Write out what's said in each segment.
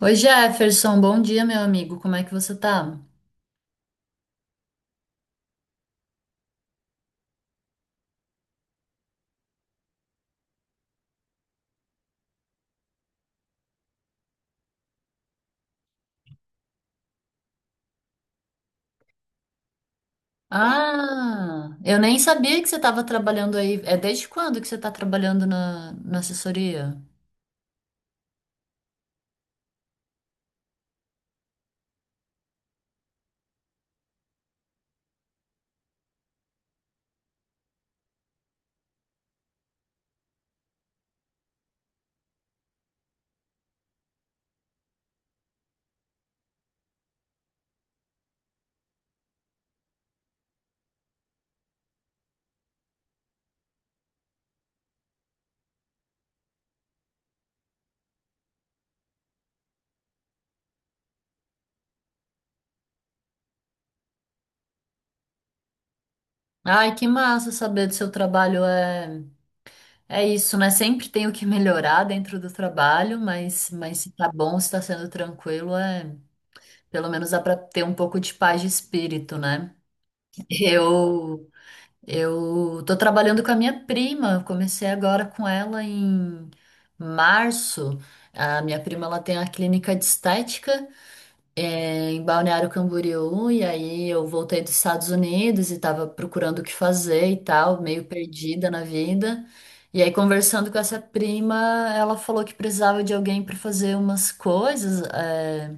Oi, Jefferson, bom dia, meu amigo. Como é que você tá? Ah, eu nem sabia que você estava trabalhando aí. É desde quando que você está trabalhando na assessoria? Ai, que massa saber do seu trabalho. É, é isso, né? Sempre tem o que melhorar dentro do trabalho, mas se tá bom, se tá sendo tranquilo, pelo menos dá para ter um pouco de paz de espírito, né? Eu Eu tô trabalhando com a minha prima, comecei agora com ela em março. A minha prima ela tem a clínica de estética em Balneário Camboriú, e aí eu voltei dos Estados Unidos e tava procurando o que fazer e tal, meio perdida na vida. E aí, conversando com essa prima, ela falou que precisava de alguém para fazer umas coisas.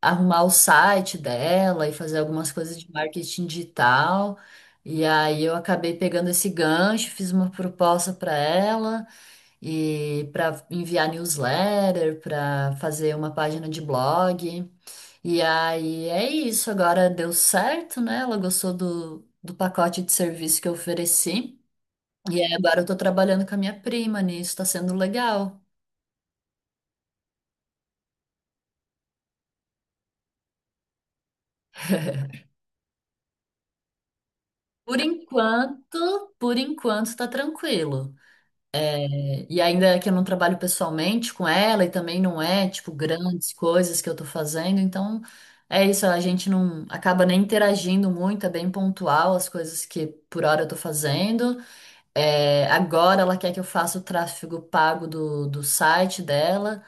Arrumar o site dela e fazer algumas coisas de marketing digital. E aí eu acabei pegando esse gancho, fiz uma proposta para ela e para enviar newsletter, para fazer uma página de blog. E aí é isso, agora deu certo, né? Ela gostou do pacote de serviço que eu ofereci. E aí agora eu tô trabalhando com a minha prima nisso, tá sendo legal. Por enquanto, tá tranquilo. E ainda que eu não trabalho pessoalmente com ela e também não é, tipo, grandes coisas que eu tô fazendo, então é isso, a gente não acaba nem interagindo muito, é bem pontual as coisas que por hora eu tô fazendo. É, agora ela quer que eu faça o tráfego pago do site dela,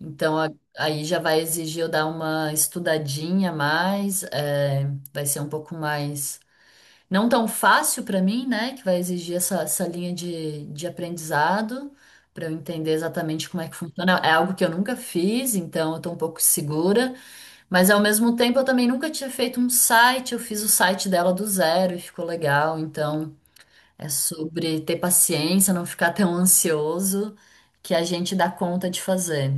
então aí já vai exigir eu dar uma estudadinha a mais, vai ser um pouco mais não tão fácil para mim, né? Que vai exigir essa linha de aprendizado para eu entender exatamente como é que funciona. É algo que eu nunca fiz, então eu tô um pouco segura, mas ao mesmo tempo eu também nunca tinha feito um site, eu fiz o site dela do zero e ficou legal, então é sobre ter paciência, não ficar tão ansioso que a gente dá conta de fazer.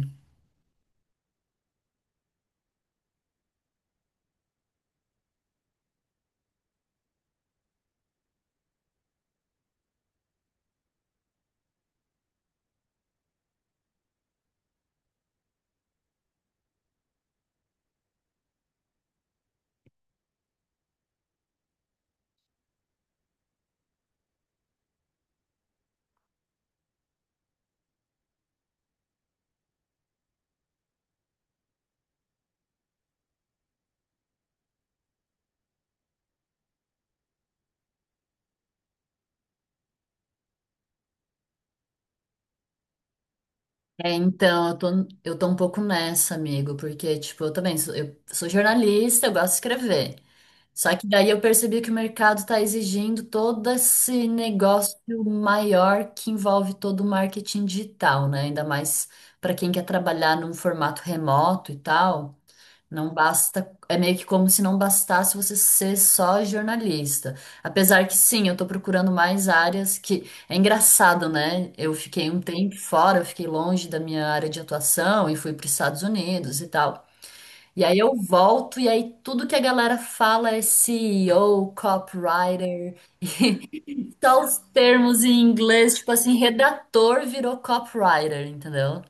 É, então, eu tô, eu tô um pouco nessa, amigo, porque, tipo, eu sou jornalista, eu gosto de escrever. Só que daí eu percebi que o mercado está exigindo todo esse negócio maior que envolve todo o marketing digital, né? Ainda mais para quem quer trabalhar num formato remoto e tal. Não basta, é meio que como se não bastasse você ser só jornalista. Apesar que sim, eu estou procurando mais áreas que é engraçado, né? Eu fiquei um tempo fora, eu fiquei longe da minha área de atuação e fui para os Estados Unidos e tal. E aí eu volto, e aí tudo que a galera fala é CEO, copywriter, só os termos em inglês, tipo assim, redator virou copywriter, entendeu?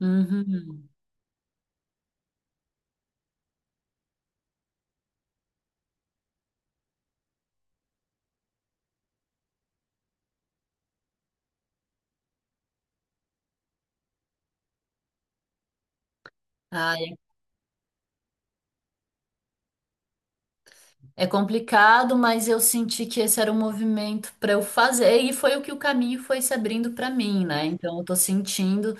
Uhum. Ai, é complicado, mas eu senti que esse era o movimento para eu fazer, e foi o que o caminho foi se abrindo para mim, né? Então eu tô sentindo,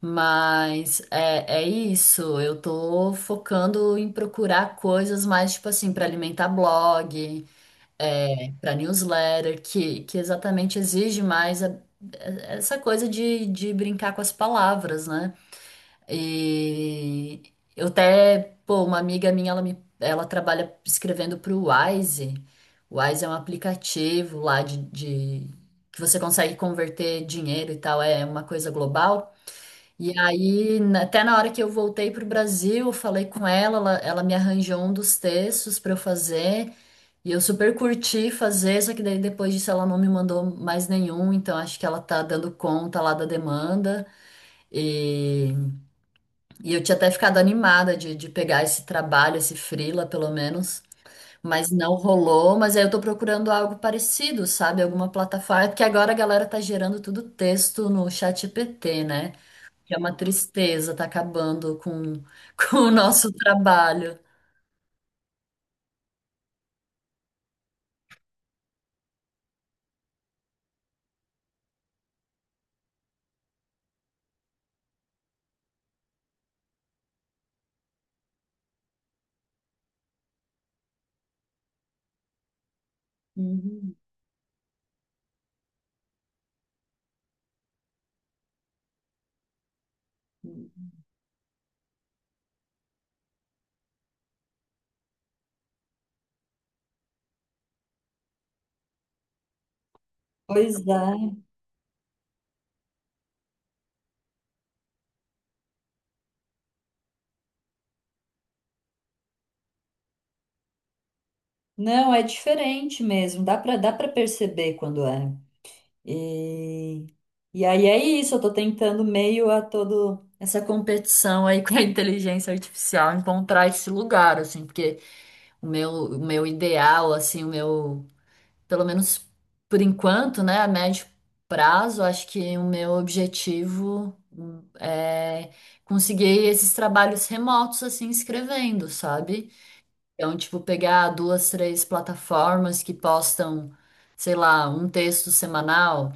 mas é isso, eu tô focando em procurar coisas mais, tipo assim, para alimentar blog, para newsletter, que exatamente exige mais essa coisa de brincar com as palavras, né? E eu até, pô, uma amiga minha, ela trabalha escrevendo para o Wise. O Wise é um aplicativo lá que você consegue converter dinheiro e tal, é uma coisa global. E aí, até na hora que eu voltei para o Brasil, eu falei com ela, ela me arranjou um dos textos para eu fazer. E eu super curti fazer, só que daí depois disso ela não me mandou mais nenhum, então acho que ela tá dando conta lá da demanda. E, e eu tinha até ficado animada de pegar esse trabalho, esse freela, pelo menos, mas não rolou. Mas aí eu tô procurando algo parecido, sabe? Alguma plataforma, porque agora a galera tá gerando tudo texto no ChatGPT, né? Que é uma tristeza, tá acabando com, com o nosso trabalho. Uhum. Pois é. Não, é diferente mesmo, dá para perceber quando é. E, e aí é isso, eu tô tentando meio a todo essa competição aí com a inteligência artificial encontrar esse lugar, assim, porque o meu ideal, assim, pelo menos por enquanto, né, a médio prazo, acho que o meu objetivo é conseguir esses trabalhos remotos, assim, escrevendo, sabe? Então, tipo, pegar duas, três plataformas que postam, sei lá, um texto semanal,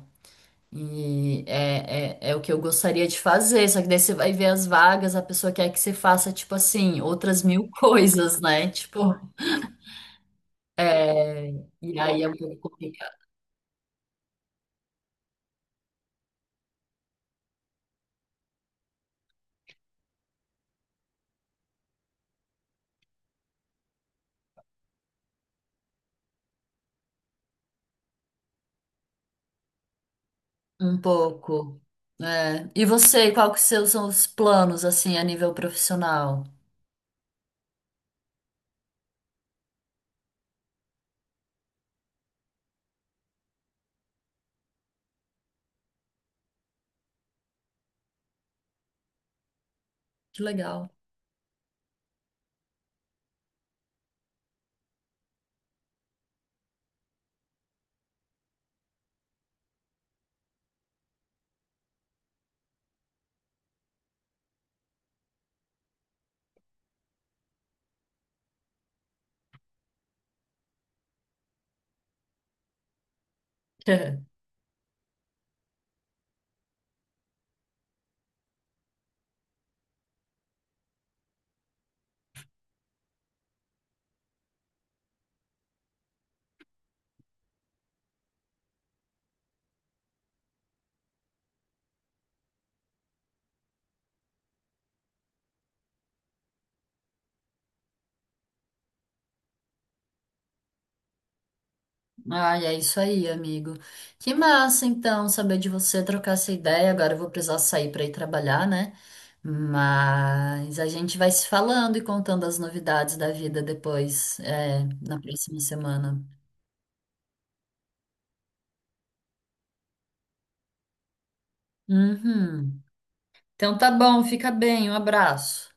e é o que eu gostaria de fazer. Só que daí você vai ver as vagas, a pessoa quer que você faça, tipo assim, outras mil coisas, né? É, e aí é um pouco complicado. Um pouco. E você, qual que seus são os planos, assim, a nível profissional? Que legal. Ah, é isso aí, amigo. Que massa, então, saber de você, trocar essa ideia. Agora eu vou precisar sair para ir trabalhar, né? Mas a gente vai se falando e contando as novidades da vida depois, na próxima semana. Uhum. Então tá bom, fica bem, um abraço.